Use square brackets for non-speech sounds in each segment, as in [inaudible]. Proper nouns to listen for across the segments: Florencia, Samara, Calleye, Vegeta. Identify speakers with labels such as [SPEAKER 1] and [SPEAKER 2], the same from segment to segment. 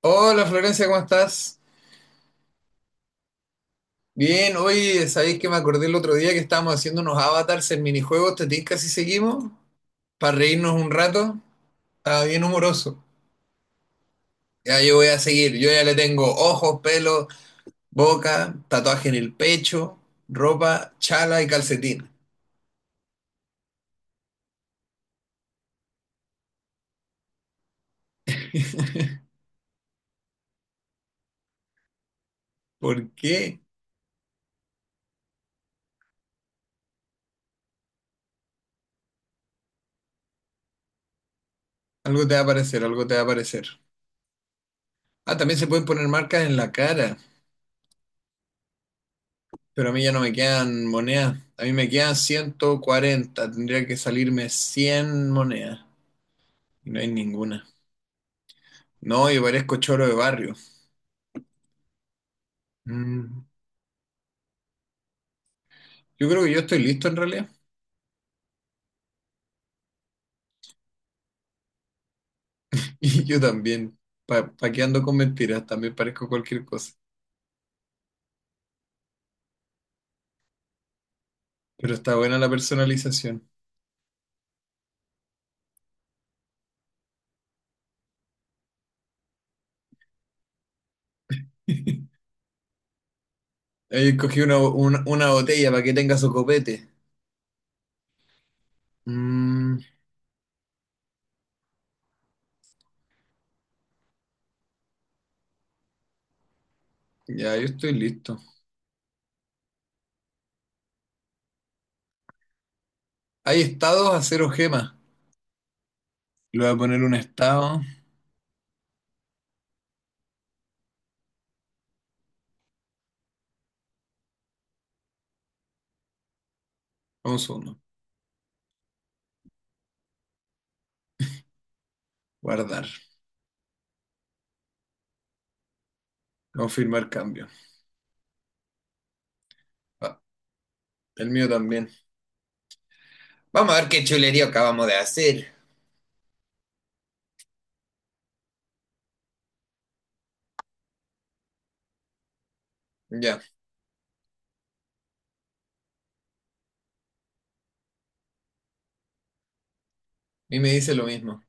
[SPEAKER 1] Hola Florencia, ¿cómo estás? Bien, hoy sabéis que me acordé el otro día que estábamos haciendo unos avatars en minijuegos, te tinca si seguimos, para reírnos un rato, estaba bien humoroso. Ya yo voy a seguir, yo ya le tengo ojos, pelo, boca, tatuaje en el pecho, ropa, chala y calcetín. ¿Por qué? Algo te va a aparecer, algo te va a aparecer. Ah, también se pueden poner marcas en la cara, pero a mí ya no me quedan monedas, a mí me quedan 140, tendría que salirme 100 monedas. No hay ninguna. No, y parezco choro de barrio. Mm, Yo creo que yo estoy listo en realidad. [laughs] Y yo también. Pa' qué ando con mentiras, también parezco cualquier cosa. Pero está buena la personalización. [laughs] Ahí cogí una botella para que tenga su copete. Mm, ya, yo estoy listo. Hay estados a 0 gemas. Le voy a poner un estado. Un segundo. Guardar. Confirmar cambio. Ah, el mío también. Vamos a ver qué chulería acabamos de hacer. Ya. Y me dice lo mismo.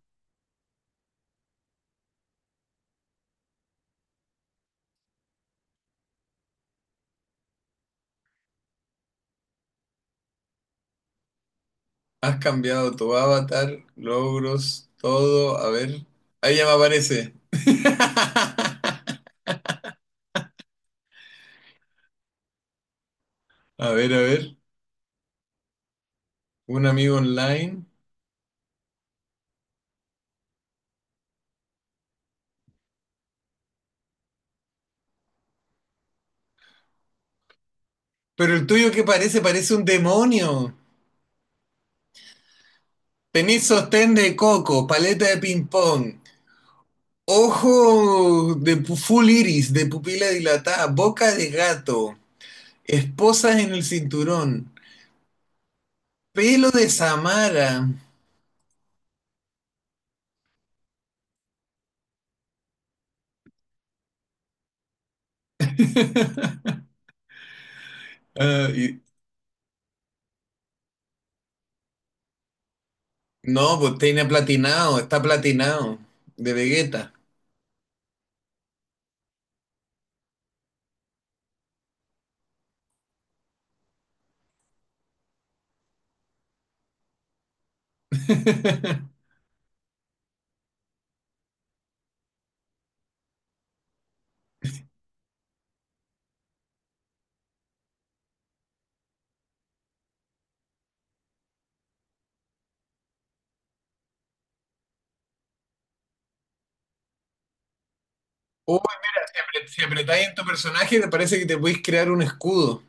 [SPEAKER 1] Has cambiado tu avatar, logros, todo. A ver. Ahí ya me aparece. [laughs] A ver, a ver. Un amigo online. Pero el tuyo que parece, parece un demonio. Tenés sostén de coco, paleta de ping-pong, ojo de full iris, de pupila dilatada, boca de gato, esposas en el cinturón, pelo de Samara. [laughs] Ah, y No, pues tiene platinado, está platinado, de Vegeta. [laughs] Uy, mira, si, si apretáis en tu personaje, te parece que te podéis crear un escudo.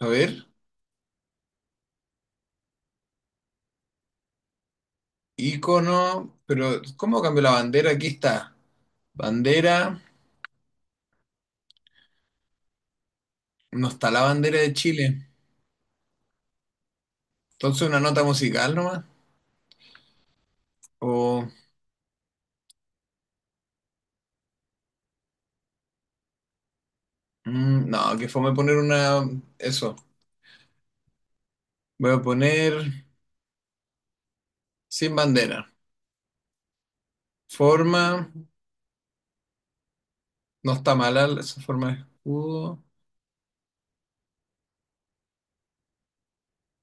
[SPEAKER 1] A ver, icono, pero ¿cómo cambio la bandera? Aquí está. Bandera, no está la bandera de Chile. Entonces, una nota musical nomás. O, no, que fome poner una. Eso, voy a poner sin bandera. Forma, no está mala esa forma de escudo.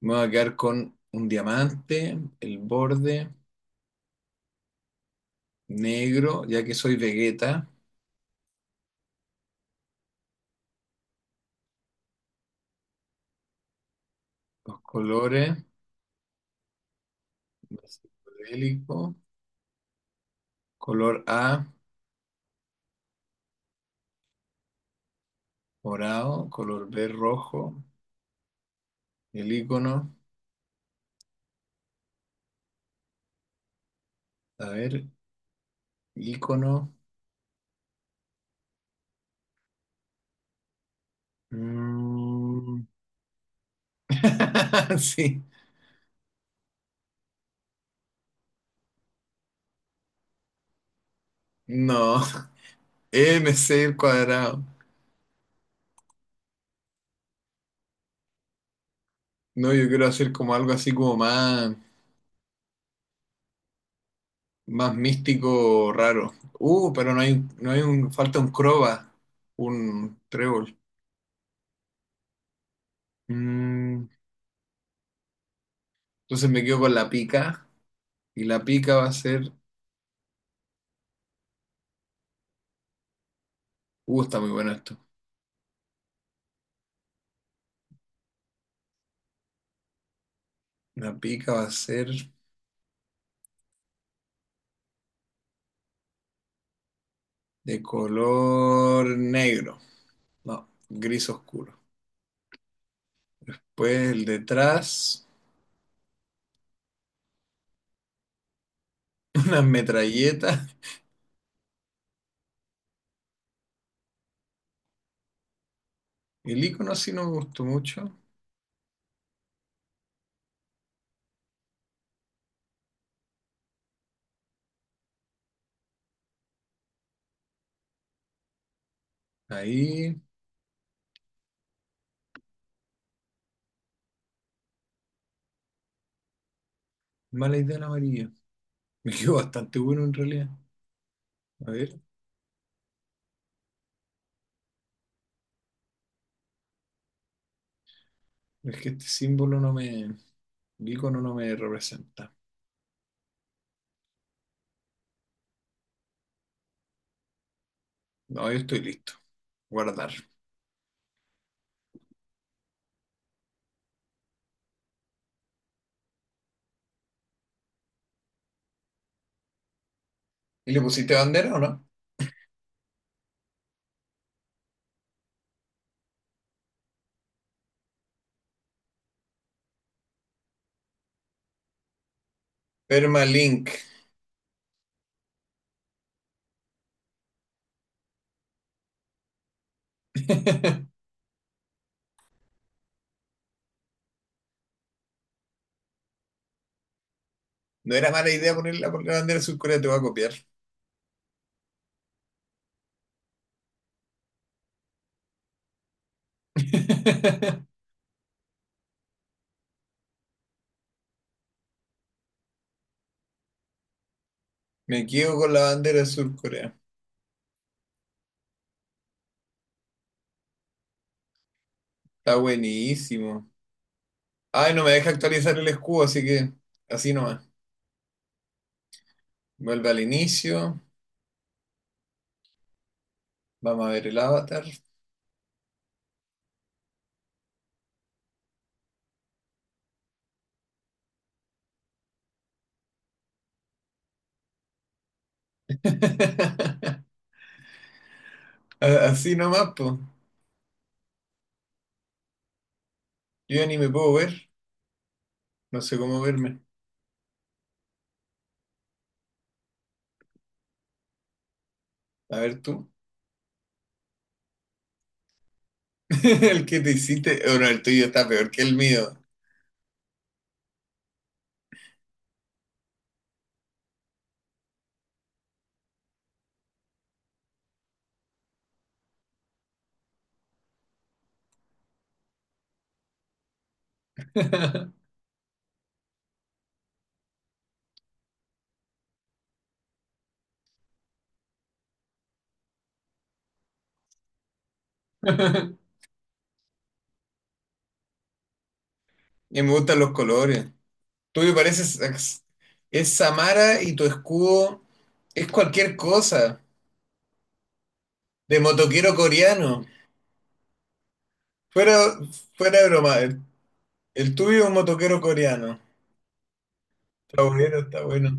[SPEAKER 1] Me voy a quedar con un diamante, el borde negro, ya que soy Vegeta. Los colores, psicodélico, color A, morado, color B, rojo. El icono, a ver, icono. mm, [laughs] Sí, no, MC al cuadrado. No, yo quiero hacer como algo así como más, más místico, raro. Pero no hay, falta un croba, un trébol. Mm, entonces me quedo con la pica. Y la pica va a ser. Está muy bueno esto. La pica va a ser de color negro. No, gris oscuro. Pues el detrás, [laughs] una metralleta. El icono sí no me gustó mucho. Ahí, mala idea el amarillo. Me quedó bastante bueno en realidad. A ver, es que este símbolo no me. El icono no me representa. No, yo estoy listo. Guardar. ¿Y le pusiste bandera o no? Permalink. [laughs] No era mala idea ponerla la bandera de Sur Corea, te voy a copiar. [laughs] Me quedo con la bandera de Sur Corea. Está buenísimo. Ay, no me deja actualizar el escudo, así que así nomás. Vuelve al inicio. Vamos a ver el avatar. [laughs] A- Así nomás, po. Yo ya ni me puedo ver. No sé cómo verme. A ver tú. [laughs] El que te hiciste. Bueno, el tuyo está peor que el mío. [laughs] Y me gustan los colores. Tú me pareces ex- es Samara y tu escudo es cualquier cosa de motoquero coreano. Fuera, fuera de broma, el tuyo es un motoquero coreano. Está bueno, está bueno.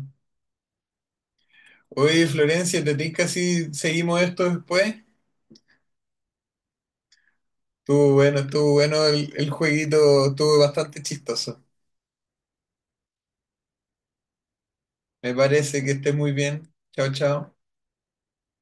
[SPEAKER 1] Oye, Florencia, ¿te tinca si seguimos esto después? Estuvo bueno el jueguito, estuvo bastante chistoso. Me parece que estés muy bien. Chao, chao.